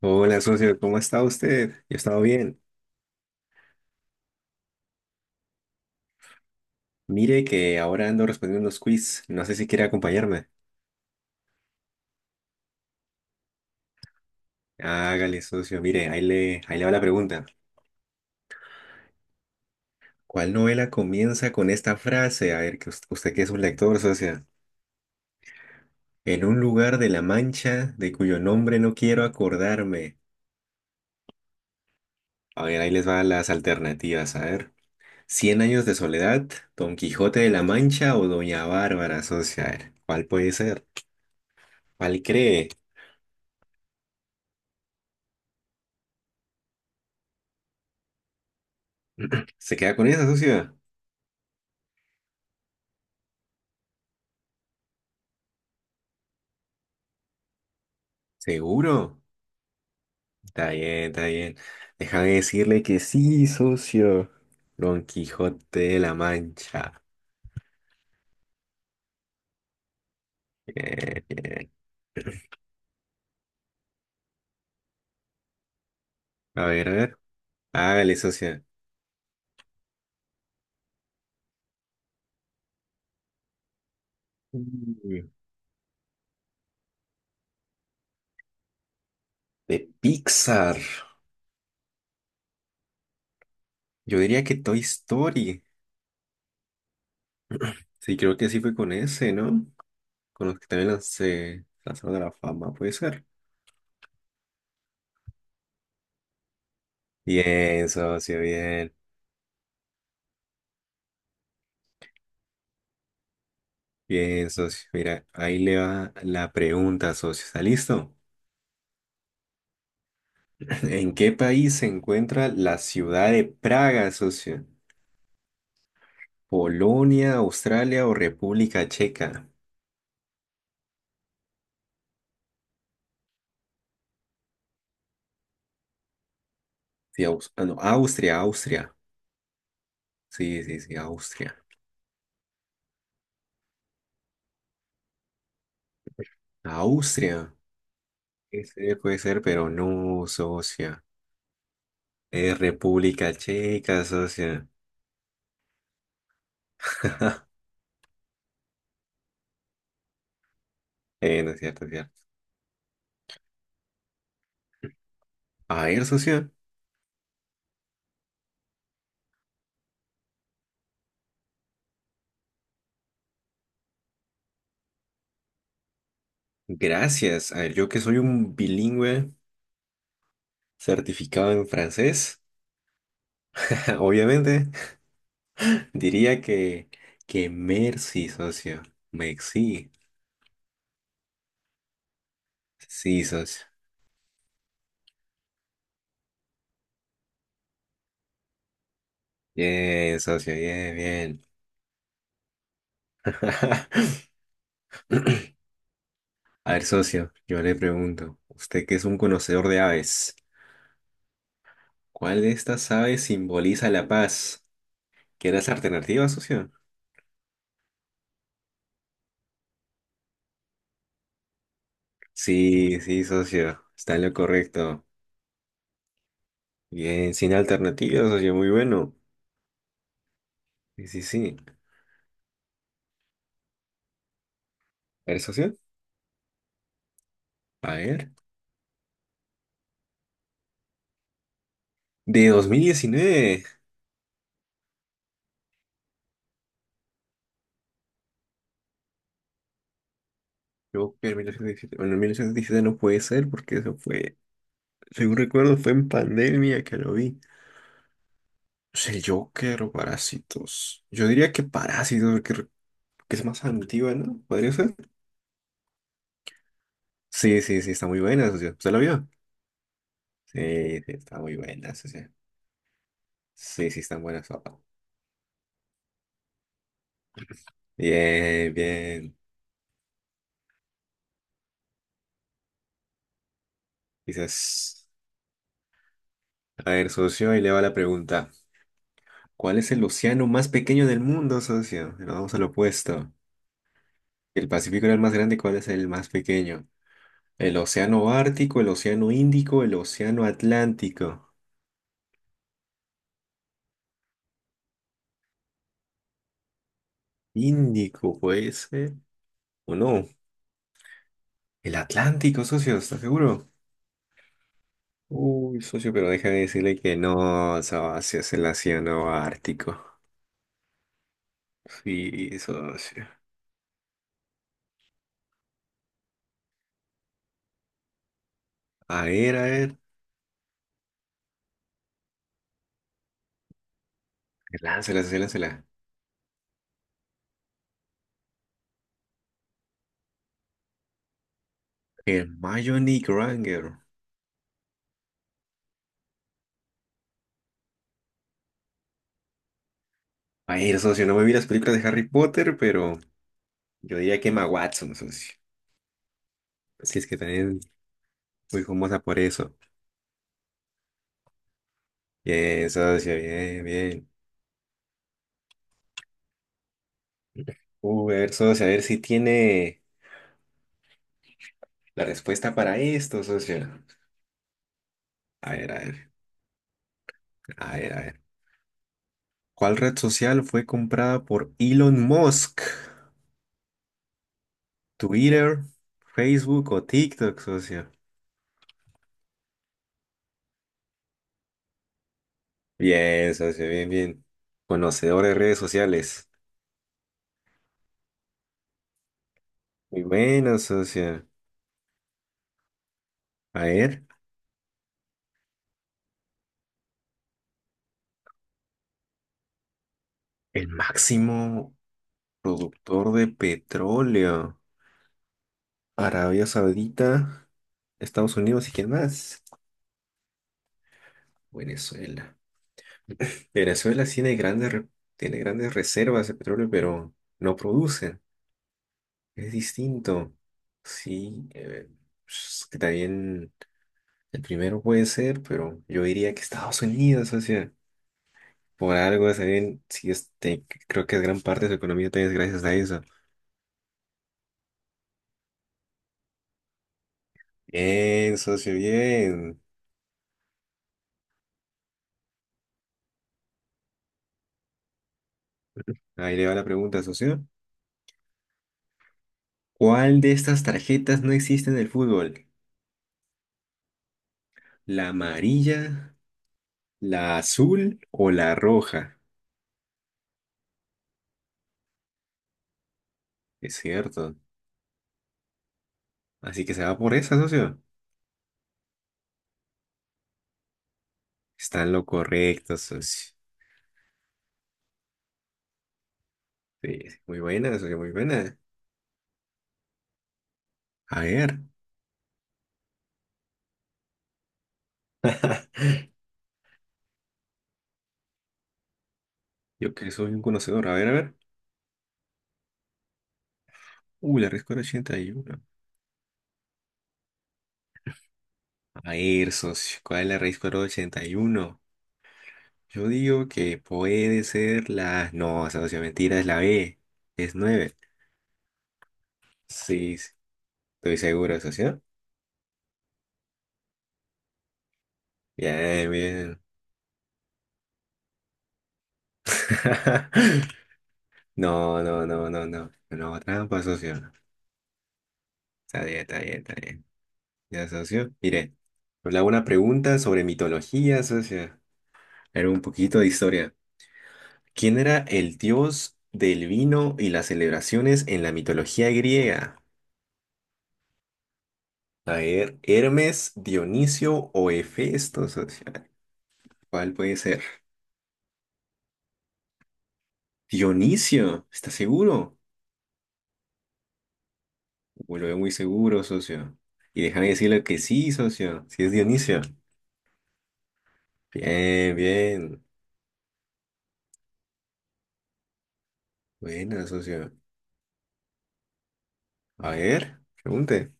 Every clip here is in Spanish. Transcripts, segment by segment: Hola, socio, ¿cómo está usted? Yo he estado bien. Mire que ahora ando respondiendo unos quiz. No sé si quiere acompañarme. Hágale, socio. Mire, ahí le va la pregunta. ¿Cuál novela comienza con esta frase? A ver, que usted, que es un lector, socio. En un lugar de la Mancha de cuyo nombre no quiero acordarme. A ver, ahí les van las alternativas. A ver. ¿Cien años de soledad, Don Quijote de la Mancha o Doña Bárbara, socio? A ver, ¿cuál puede ser? ¿Cuál cree? ¿Se queda con esa, socio? ¿Seguro? Está bien, está bien. Déjame decirle que sí, socio. Don Quijote de la Mancha. Bien, bien. A ver, a ver. Hágale, socio. Mm, de Pixar. Yo diría que Toy Story. Sí, creo que sí fue con ese, ¿no? Con los que también lancé lanzaron a la fama, puede ser. Bien, socio, bien. Bien, socio. Mira, ahí le va la pregunta, socio. ¿Está listo? ¿En qué país se encuentra la ciudad de Praga, socio? Polonia, Australia o República Checa. Sí, ah, no, Austria, Austria. Sí, sí, sí, Austria. Austria. Ese puede ser, pero no, socia. Es República Checa, socia. No es cierto, es cierto. A ver, socia. Gracias. A ver, yo que soy un bilingüe certificado en francés, obviamente, diría que merci, socio. Merci. Sí, socio. Bien, socio. Bien, bien. A ver, socio, yo le pregunto, usted que es un conocedor de aves, ¿cuál de estas aves simboliza la paz? ¿Quieres las alternativas, socio? Sí, sí, socio, está en lo correcto. Bien, sin alternativas, socio, muy bueno. Sí, sí, sí. A ver, socio, a ver. De 2019. Yo, en 1917, bueno, en 1917 no puede ser porque eso fue, según recuerdo, fue en pandemia que lo vi. Es El Joker o Parásitos. Yo diría que Parásitos, que es más antigua, ¿no? ¿Podría ser? Sí, sí, sí, está muy buena, socio. ¿Usted lo vio? Sí, sí, está muy buena, socio. Sí, sí, están buenas, papá. Bien, bien. Dices, a ver, socio, y le va la pregunta. ¿Cuál es el océano más pequeño del mundo, socio? Nos vamos al opuesto. El Pacífico era el más grande, ¿cuál es el más pequeño? El océano Ártico, el océano Índico, el océano Atlántico. Índico, puede ser. ¿O no? El Atlántico, socio, ¿estás seguro? Uy, socio, pero déjame decirle que no, Sabacio es el océano ártico. Sí, socio. A ver, a ver. Láncela, socio, láncela. Hermione Granger. A ver, socio, no me vi las películas de Harry Potter, pero yo diría que Emma Watson, socio. Si es que también muy famosa por eso. Bien, socio, bien, bien. Uy, a ver, socio, a ver si tiene la respuesta para esto, socio. A ver, a ver, a ver, a ver. ¿Cuál red social fue comprada por Elon Musk? Twitter, Facebook o TikTok, socio. Bien, socio, bien, bien. Conocedor de redes sociales. Muy bueno, socio. A ver, el máximo productor de petróleo. Arabia Saudita, Estados Unidos y quién más. Venezuela. Venezuela tiene grandes reservas de petróleo, pero no produce. Es distinto. Sí, es que también. El primero puede ser, pero yo diría que Estados Unidos, o sea, por algo, saben, sí, creo que es gran parte de su economía también es gracias a eso. Bien, socio, bien. Ahí le va la pregunta, socio. ¿Cuál de estas tarjetas no existe en el fútbol? ¿La amarilla, la azul o la roja? Es cierto. Así que se va por esa, socio. Está en lo correcto, socio. Sí, muy buena, socio, muy buena. A ver, yo que soy un conocedor, a ver, a ver. Uy, la respuesta era 81. A ver, socio, ¿cuál es la raíz cuadrada de 81? Yo digo que puede ser la... No, socio, mentira, es la B. Es 9. Sí, sí, estoy seguro, socio. Bien, bien. No, no, no, no, no. No, trampa, socio, no. Está bien, está bien, está bien. Ya, socio. Mire, le hago una pregunta sobre mitología, socio. Era un poquito de historia. ¿Quién era el dios del vino y las celebraciones en la mitología griega? A ver, Hermes, Dionisio o Hefesto, socio. ¿Cuál puede ser? Dionisio, ¿estás seguro? Uy, lo veo muy seguro, socio. Y déjame decirle que sí, socio. Sí es Dionisio. Bien, bien. Buena, socio. A ver, pregunte.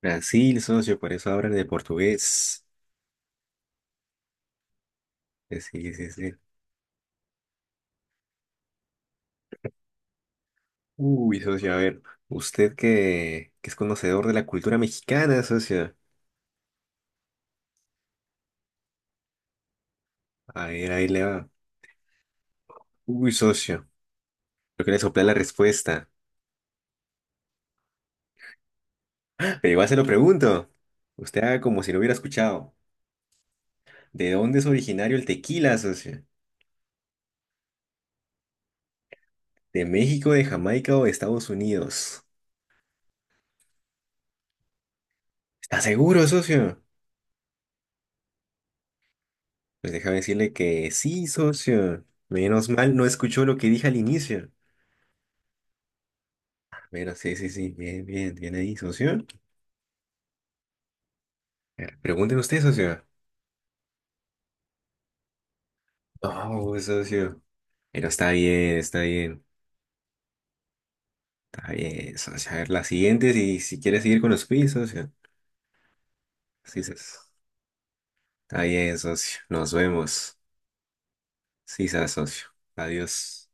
Brasil, socio, por eso hablan de portugués. Sí, sí, sí. Uy, socio, a ver. Usted que es conocedor de la cultura mexicana, socio. A ver, ahí le va. Uy, socio. Yo quería soplar la respuesta. Pero igual se lo pregunto. Usted haga como si lo hubiera escuchado. ¿De dónde es originario el tequila, socio? ¿De México, de Jamaica o de Estados Unidos? ¿Está seguro, socio? Pues déjame decirle que sí, socio. Menos mal no escuchó lo que dije al inicio. Pero sí, sí, sí. Bien, bien, bien ahí, socio. A ver, pregúnteme usted, socio. No, socio. Pero está bien, está bien. Está bien, socio. A ver, la siguiente, si quiere seguir con los quiz, socio. Sí, socio. Está bien, socio. Nos vemos. Sí, se asocio. Adiós.